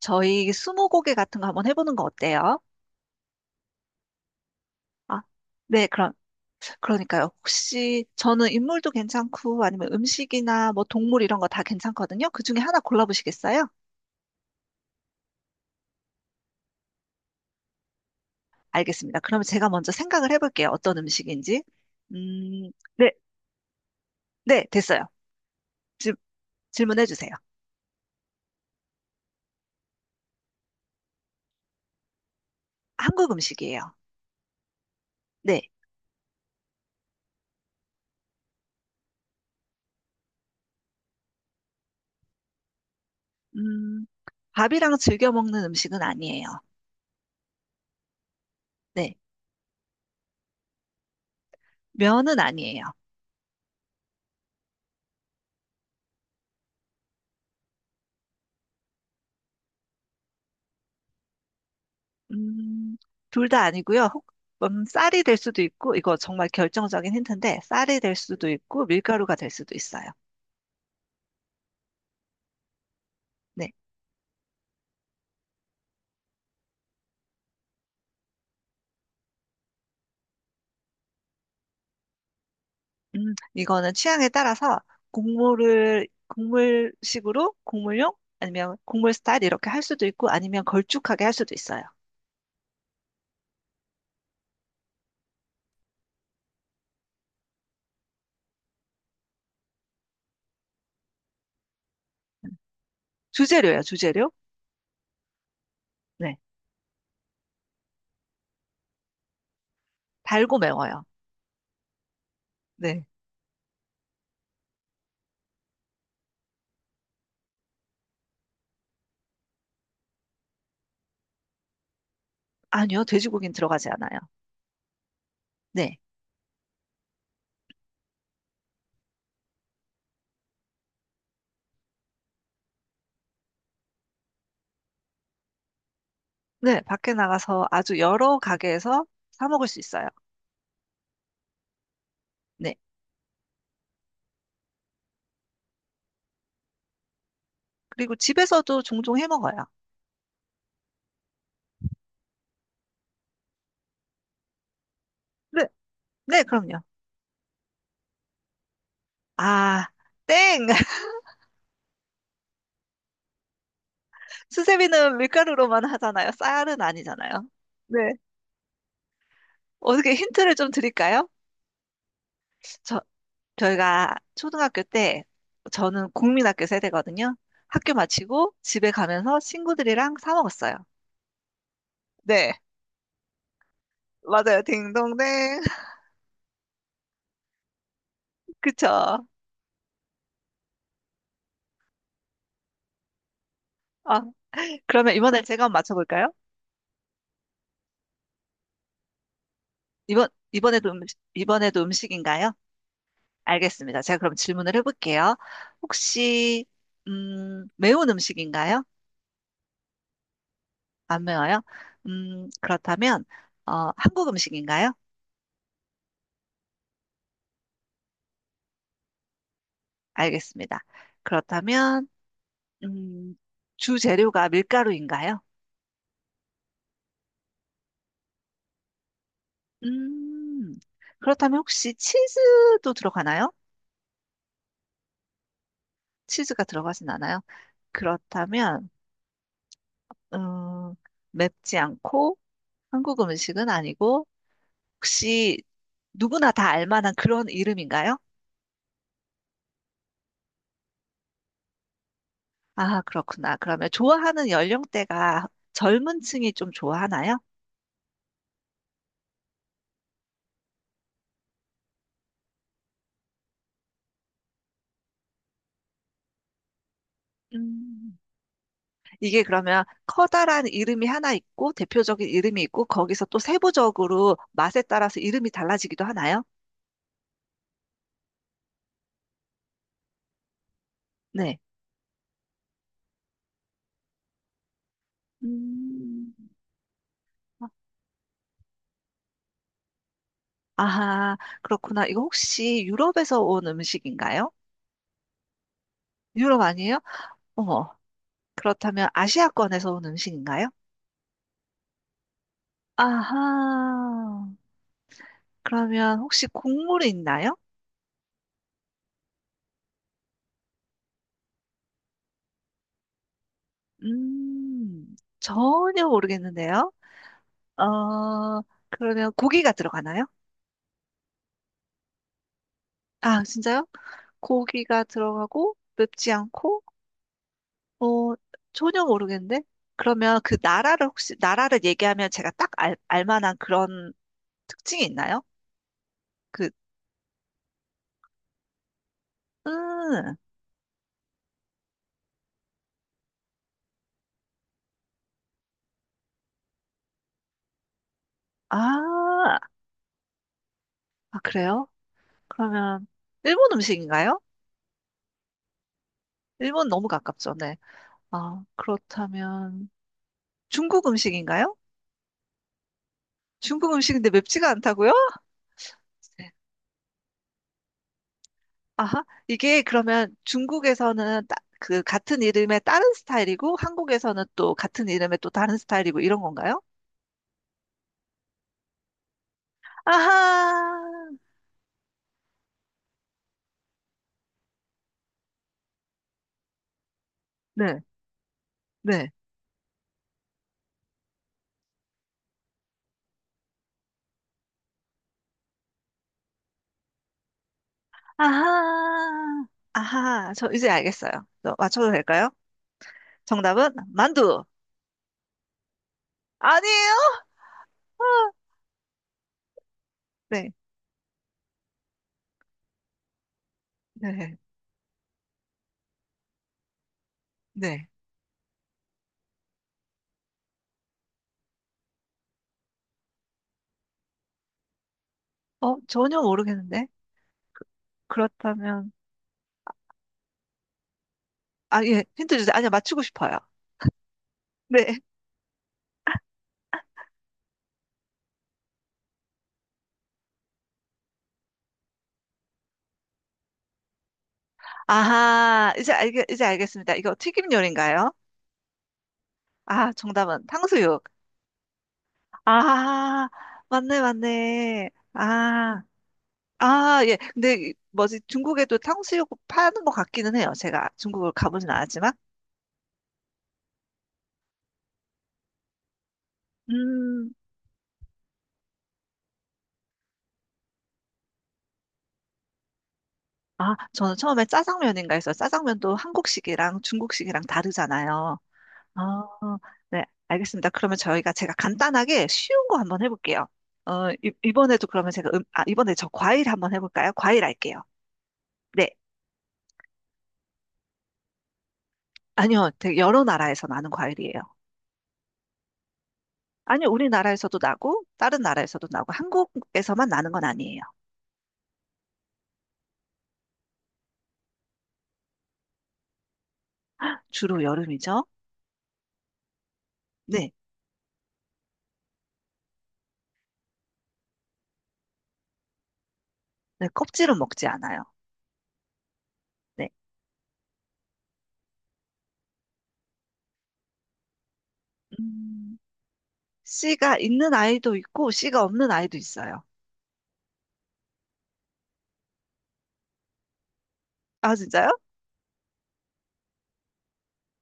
저희 스무고개 같은 거 한번 해보는 거 어때요? 아, 네, 그럼, 그러니까요. 혹시 저는 인물도 괜찮고 아니면 음식이나 뭐 동물 이런 거 다 괜찮거든요. 그 중에 하나 골라보시겠어요? 알겠습니다. 그러면 제가 먼저 생각을 해볼게요. 어떤 음식인지. 음, 네, 네, 됐어요. 질, 질문해주세요. 한국 음식이에요. 네. 음, 밥이랑 즐겨 먹는 음식은 아니에요. 네. 면은 아니에요. 음, 둘 다 아니고요. 쌀이 될 수도 있고, 이거 정말 결정적인 힌트인데, 쌀이 될 수도 있고, 밀가루가 될 수도 있어요. 네. 이거는 취향에 따라서 곡물을, 곡물식으로, 곡물용, 아니면 곡물 스타일 이렇게 할 수도 있고, 아니면 걸쭉하게 할 수도 있어요. 주재료예요, 주재료. 네. 달고 매워요. 네. 아니요, 돼지고기는 들어가지 않아요. 네. 네, 밖에 나가서 아주 여러 가게에서 사 먹을 수 있어요. 네. 그리고 집에서도 종종 해 먹어요. 네. 네, 그럼요. 아, 땡! 수세미는 밀가루로만 하잖아요. 쌀은 아니잖아요. 네. 어떻게 힌트를 좀 드릴까요? 저, 저희가 초등학교 때, 저는 국민학교 세대거든요. 학교 마치고 집에 가면서 친구들이랑 사 먹었어요. 네, 맞아요. 딩동댕. 그쵸. 아, 그러면 이번에 제가 한번 맞춰볼까요? 이번에도 이번에도 음식인가요? 알겠습니다. 제가 그럼 질문을 해볼게요. 혹시, 매운 음식인가요? 안 매워요? 음, 그렇다면, 어, 한국 음식인가요? 알겠습니다. 그렇다면, 음, 주 재료가 밀가루인가요? 음, 그렇다면 혹시 치즈도 들어가나요? 치즈가 들어가진 않아요? 그렇다면, 음, 맵지 않고 한국 음식은 아니고, 혹시 누구나 다 알만한 그런 이름인가요? 아, 그렇구나. 그러면 좋아하는 연령대가 젊은 층이 좀 좋아하나요? 음. 이게 그러면 커다란 이름이 하나 있고 대표적인 이름이 있고 거기서 또 세부적으로 맛에 따라서 이름이 달라지기도 하나요? 네. 음. 아하, 그렇구나. 이거 혹시 유럽에서 온 음식인가요? 유럽 아니에요? 어머, 그렇다면 아시아권에서 온 음식인가요? 아하, 그러면 혹시 국물이 있나요? 전혀 모르겠는데요. 어, 그러면 고기가 들어가나요? 아, 진짜요? 고기가 들어가고 맵지 않고 어 전혀 모르겠는데 그러면 그 나라를 혹시 나라를 얘기하면 제가 알만한 그런 특징이 있나요? 그 음, 아, 아 그래요? 그러면 일본 음식인가요? 일본 너무 가깝죠, 네. 아 그렇다면 중국 음식인가요? 중국 음식인데 맵지가 않다고요? 아하, 이게 그러면 중국에서는 그 같은 이름의 다른 스타일이고 한국에서는 또 같은 이름의 또 다른 스타일이고 이런 건가요? 아하, 네, 네. 아하, 아하, 저 이제 알겠어요. 저 맞춰도 될까요? 정답은 만두. 아니에요? 네, 네, 네. 어, 전혀 모르겠는데. 그, 그렇다면, 아, 예, 힌트 주세요. 아니요, 맞추고 싶어요. 네. 이제 알겠습니다. 이거 튀김 요리인가요? 아, 정답은 탕수육. 아, 맞네, 맞네. 아, 아, 예. 근데 이- 뭐지 중국에도 탕수육 파는 것 같기는 해요. 제가 중국을 가보진 않았지만. 음, 아, 저는 처음에 짜장면인가 해서 짜장면도 한국식이랑 중국식이랑 다르잖아요. 아, 네, 알겠습니다. 그러면 저희가 제가 간단하게 쉬운 거 한번 해볼게요. 이번에도 그러면 제가 이번에 저 과일 한번 해볼까요? 과일 할게요. 네, 아니요, 되게 여러 나라에서 나는 과일이에요. 아니, 우리나라에서도 나고, 다른 나라에서도 나고, 한국에서만 나는 건 아니에요. 주로 여름이죠? 네. 네, 껍질은 먹지 않아요. 네. 음, 씨가 있는 아이도 있고, 씨가 없는 아이도 있어요. 아, 진짜요?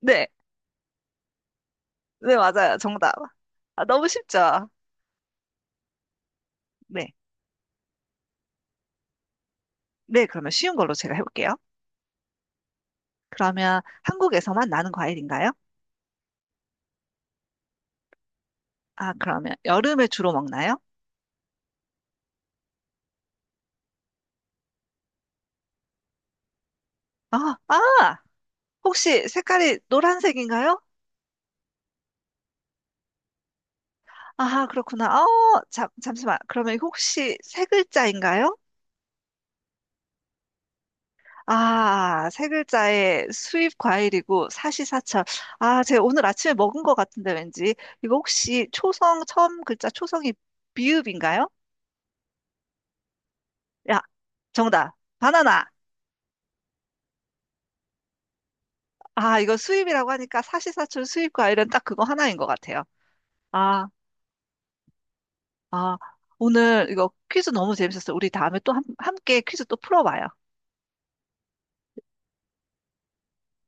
네. 네, 맞아요. 정답. 아, 너무 쉽죠? 네. 네, 그러면 쉬운 걸로 제가 해볼게요. 그러면 한국에서만 나는 과일인가요? 아, 그러면 여름에 주로 먹나요? 아, 아! 혹시 색깔이 노란색인가요? 아, 그렇구나. 어, 잠시만. 그러면 혹시 세 글자인가요? 아, 세 글자에 수입 과일이고 사시사철. 아, 제가 오늘 아침에 먹은 것 같은데 왠지. 이거 혹시 처음 글자 초성이 비읍인가요? 야, 정답. 바나나. 아, 이거 수입이라고 하니까 사시사철 수입 과일은 딱 그거 하나인 것 같아요. 아, 아, 오늘 이거 퀴즈 너무 재밌었어요. 우리 다음에 또 함께 퀴즈 또 풀어봐요.